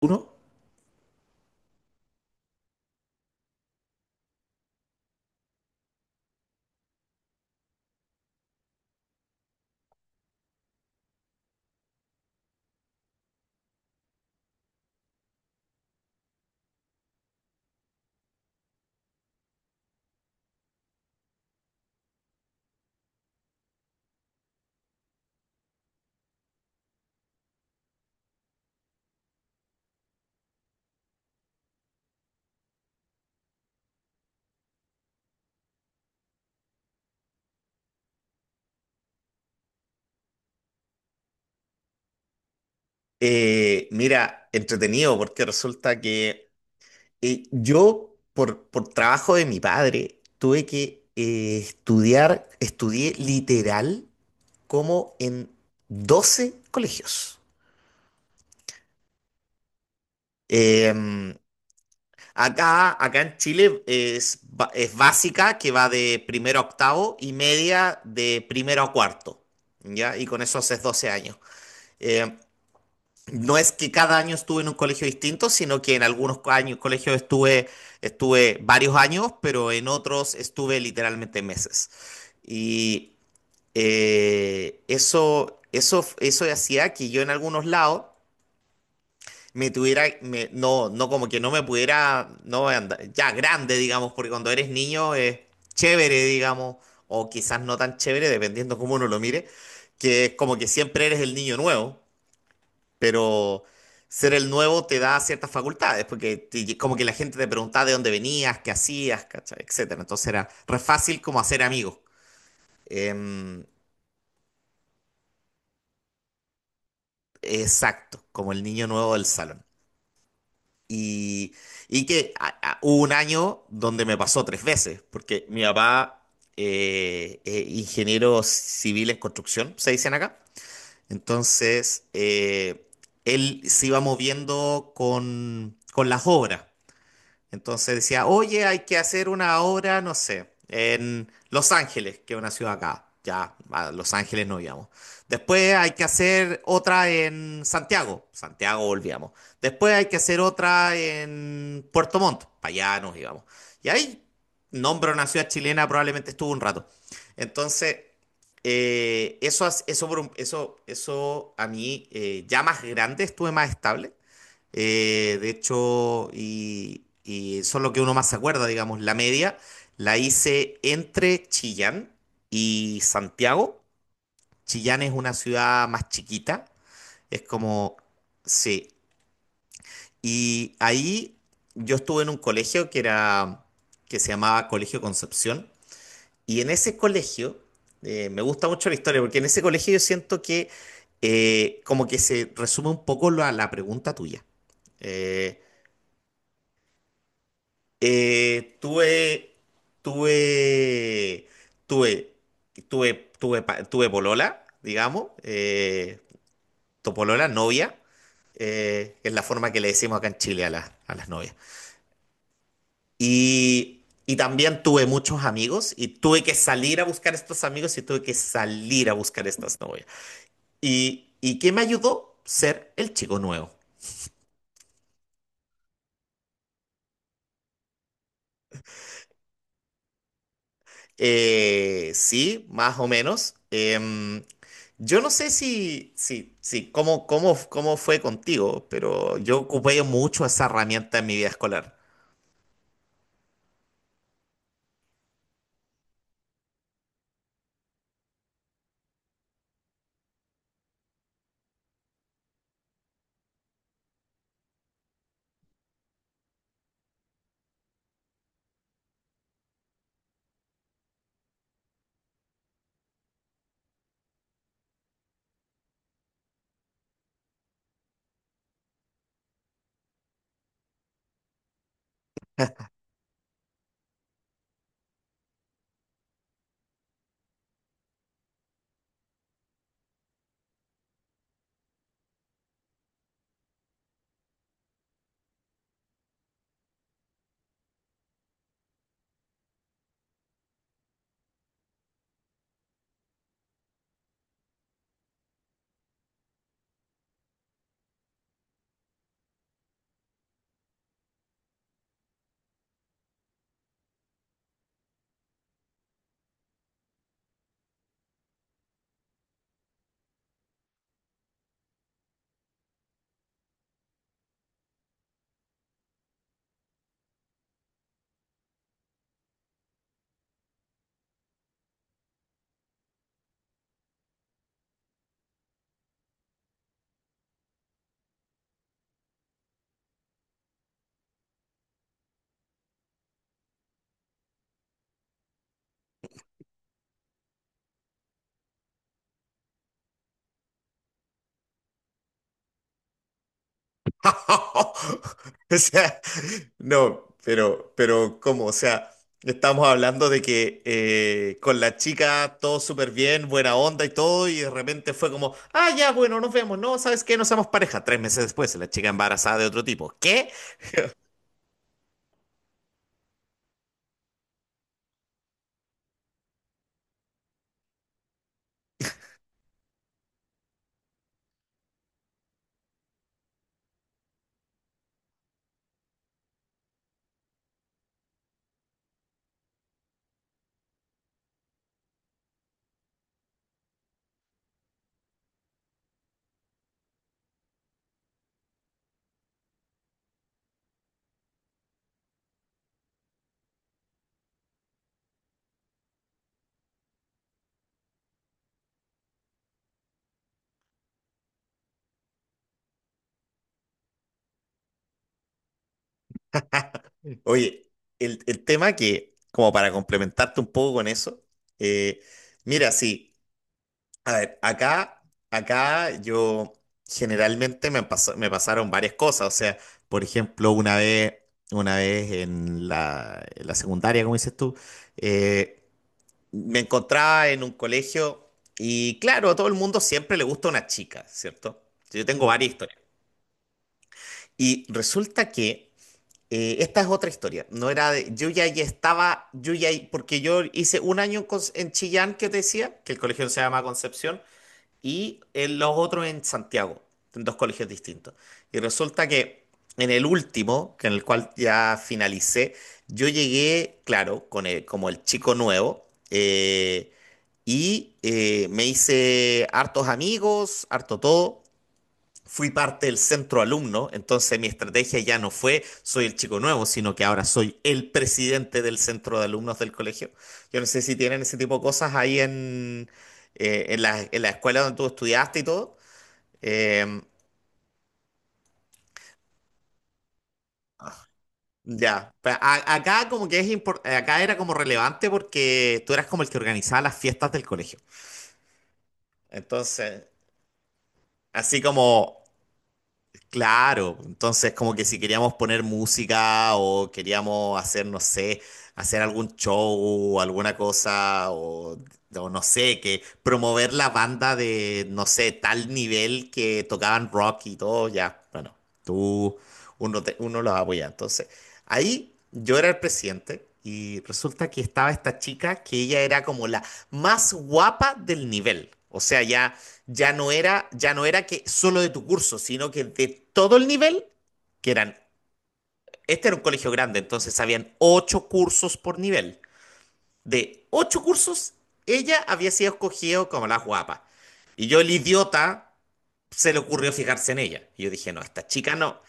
uno, mira, entretenido porque resulta que por trabajo de mi padre, tuve que estudié literal como en 12 colegios. Em, acá en Chile es básica, que va de primero a octavo, y media de primero a cuarto, ¿ya? Y con eso haces 12 años. Eh, No es que cada año estuve en un colegio distinto, sino que en algunos colegios estuve varios años, pero en otros estuve literalmente meses. Y eso hacía que yo en algunos lados me tuviera, me- no, no como que no me pudiera, no andar- ya grande, digamos, porque cuando eres niño es chévere, digamos, o quizás no tan chévere, dependiendo cómo uno lo mire, que es como que siempre eres el niño nuevo, pero ser el nuevo te da ciertas facultades, como que la gente te preguntaba de dónde venías, qué hacías, ¿cachai?, etcétera. Entonces era re fácil como hacer amigos. Em, exacto, como el niño nuevo del salón. Y, y que hubo un año donde me pasó tres veces, porque mi papá es ingeniero civil en construcción, se dicen acá. Entonces, él se iba moviendo con las obras. Entonces decía: oye, hay que hacer una obra, no sé, en Los Ángeles, que es una ciudad acá. Ya, a Los Ángeles no íbamos. Después hay que hacer otra en Santiago. Santiago volvíamos. Después hay que hacer otra en Puerto Montt. Para allá nos íbamos. Y ahí, nombro una ciudad chilena, probablemente estuvo un rato. Entonces, eso, as- eso, por un- eso a mí, ya más grande, estuve más estable. De hecho, y son lo que uno más se acuerda, digamos, la media la hice entre Chillán y Santiago. Chillán es una ciudad más chiquita, es como, sí. Y ahí yo estuve en un colegio que se llamaba Colegio Concepción, y en ese colegio, me gusta mucho la historia, porque en ese colegio yo siento que como que se resume un poco la pregunta tuya. Eh, tuve, tuve, tuve, tuve, tuve, pa- tuve polola, digamos, tu polola, novia, que es la forma que le decimos acá en Chile a las novias. Y también tuve muchos amigos y tuve que salir a buscar estos amigos y tuve que salir a buscar estas novias. Y qué me ayudó? Ser el chico nuevo. Sí, más o menos. Yo no sé si, si, si cómo, cómo, cómo fue contigo, pero yo ocupé mucho esa herramienta en mi vida escolar. O sea, no, pero ¿cómo? O sea, estamos hablando de que con la chica todo súper bien, buena onda y todo, y de repente fue como, ah, ya, bueno, nos vemos. No, ¿sabes qué? No somos pareja. Tres meses después, la chica embarazada de otro tipo. ¿Qué? Oye, el tema, que, como para complementarte un poco con eso, eh, mira, sí, a ver, acá yo generalmente me pasaron varias cosas. O sea, por ejemplo, una vez en en la secundaria, como dices tú, eh, me encontraba en un colegio y claro, a todo el mundo siempre le gusta una chica, ¿cierto? Yo tengo varias historias. Y resulta que esta es otra historia. No era de, yo ya ahí estaba, porque yo hice un año en, en Chillán, que te decía, que el colegio se llama Concepción, y en los otros en Santiago, en dos colegios distintos. Y resulta que en el último, que en el cual ya finalicé, yo llegué, claro, como el chico nuevo, me hice hartos amigos, harto todo, fui parte del centro alumno. Entonces mi estrategia ya no fue soy el chico nuevo, sino que ahora soy el presidente del centro de alumnos del colegio. Yo no sé si tienen ese tipo de cosas ahí en la escuela donde tú estudiaste y todo. Eh, ya, acá como que acá era como relevante porque tú eras como el que organizaba las fiestas del colegio. Entonces, así como, claro, entonces como que si queríamos poner música o queríamos hacer, no sé, hacer algún show, alguna cosa, o no sé, que promover la banda de, no sé, tal nivel que tocaban rock y todo, ya, bueno, tú, uno, uno los apoya. Entonces, ahí yo era el presidente y resulta que estaba esta chica que ella era como la más guapa del nivel. O sea, ya no era que solo de tu curso, sino que de todo el nivel, que eran, este era un colegio grande, entonces habían ocho cursos por nivel. De ocho cursos, ella había sido escogida como la guapa. Y yo, el idiota, se le ocurrió fijarse en ella. Y yo dije, no, esta chica no.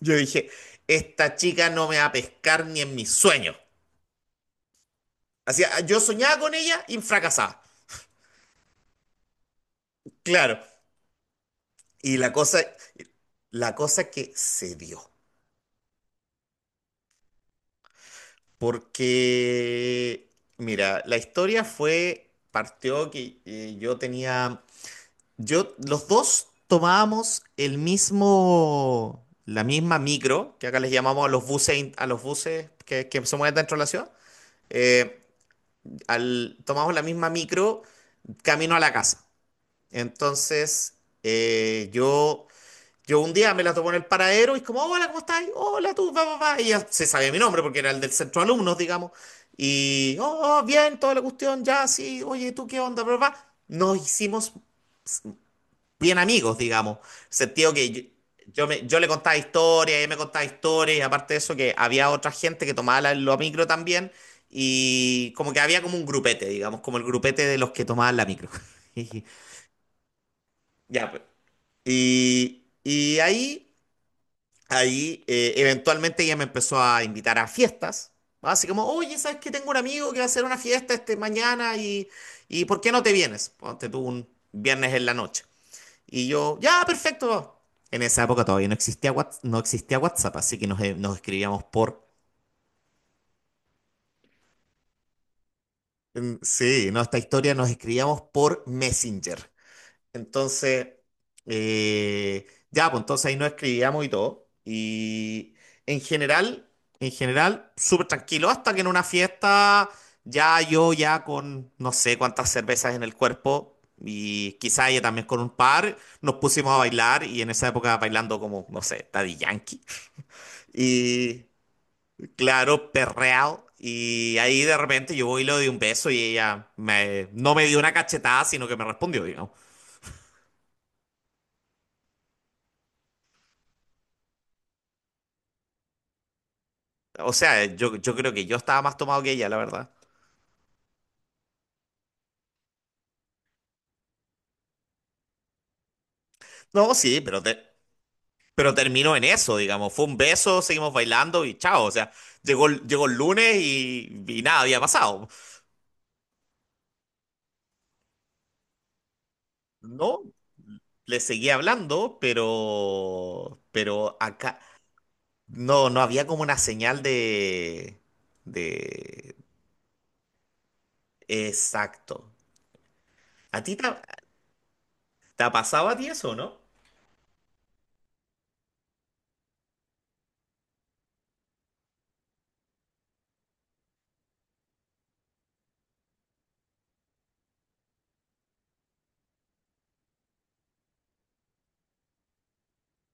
Yo dije, esta chica no me va a pescar ni en mis sueños. Así, yo soñaba con ella y fracasaba. Claro. Y la cosa, la cosa que se dio. Porque, mira, la historia fue, partió que yo, los dos tomábamos la misma micro, que acá les llamamos a los buses, a los buses que se mueven dentro de la ciudad, eh, tomamos la misma micro camino a la casa. Entonces, yo un día me la topo en el paradero y es como, hola, ¿cómo estás? Hola, tú, va, va, va. Y ella se sabía mi nombre porque era el del centro de alumnos, digamos. Y, oh, oh, bien, toda la cuestión, ya, sí, oye, ¿tú qué onda? Bla, bla, bla. Nos hicimos bien amigos, digamos. En el sentido que yo le contaba historias, ella me contaba historias, y aparte de eso, que había otra gente que tomaba la micro también. Y como que había como un grupete, digamos, como el grupete de los que tomaban la micro. Ya, pues. Y, y ahí. Ahí eventualmente ella me empezó a invitar a fiestas. ¿No? Así como, oye, ¿sabes que tengo un amigo que va a hacer una fiesta este mañana y por qué no te vienes? Ponte tú un viernes en la noche. Y yo, ya, perfecto. En esa época todavía no existía WhatsApp, no existía WhatsApp, así que nos escribíamos por... Sí, nuestra historia, nos escribíamos por Messenger. Entonces, ya, pues entonces ahí nos escribíamos y todo. Y en general, en general, súper tranquilo, hasta que en una fiesta, ya yo con no sé cuántas cervezas en el cuerpo. Y quizá ella también con un par, nos pusimos a bailar y en esa época bailando como, no sé, Daddy Yankee. Y claro, perreado. Y ahí de repente yo voy y le doy un beso y ella me, no me dio una cachetada, sino que me respondió, digamos. O sea, yo creo que yo estaba más tomado que ella, la verdad. No, sí, pero terminó en eso, digamos. Fue un beso, seguimos bailando y chao. O sea, llegó el lunes y nada había pasado. No, le seguí hablando, pero acá no, no había como una señal de... Exacto. ¿A ti te ha pasado a ti eso, no?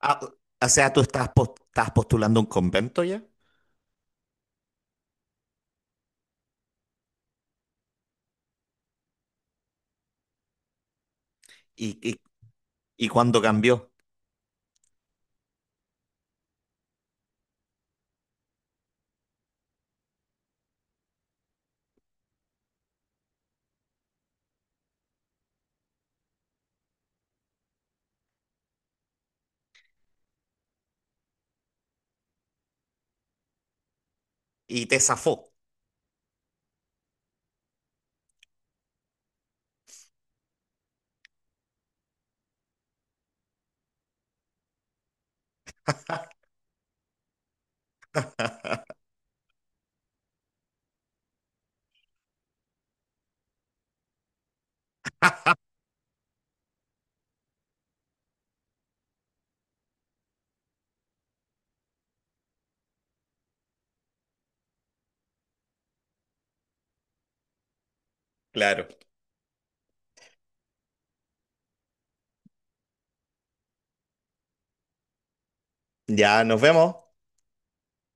Ah, o sea, estás postulando un convento ya y, y y cuando cambió y te zafó. Claro. Ya nos vemos.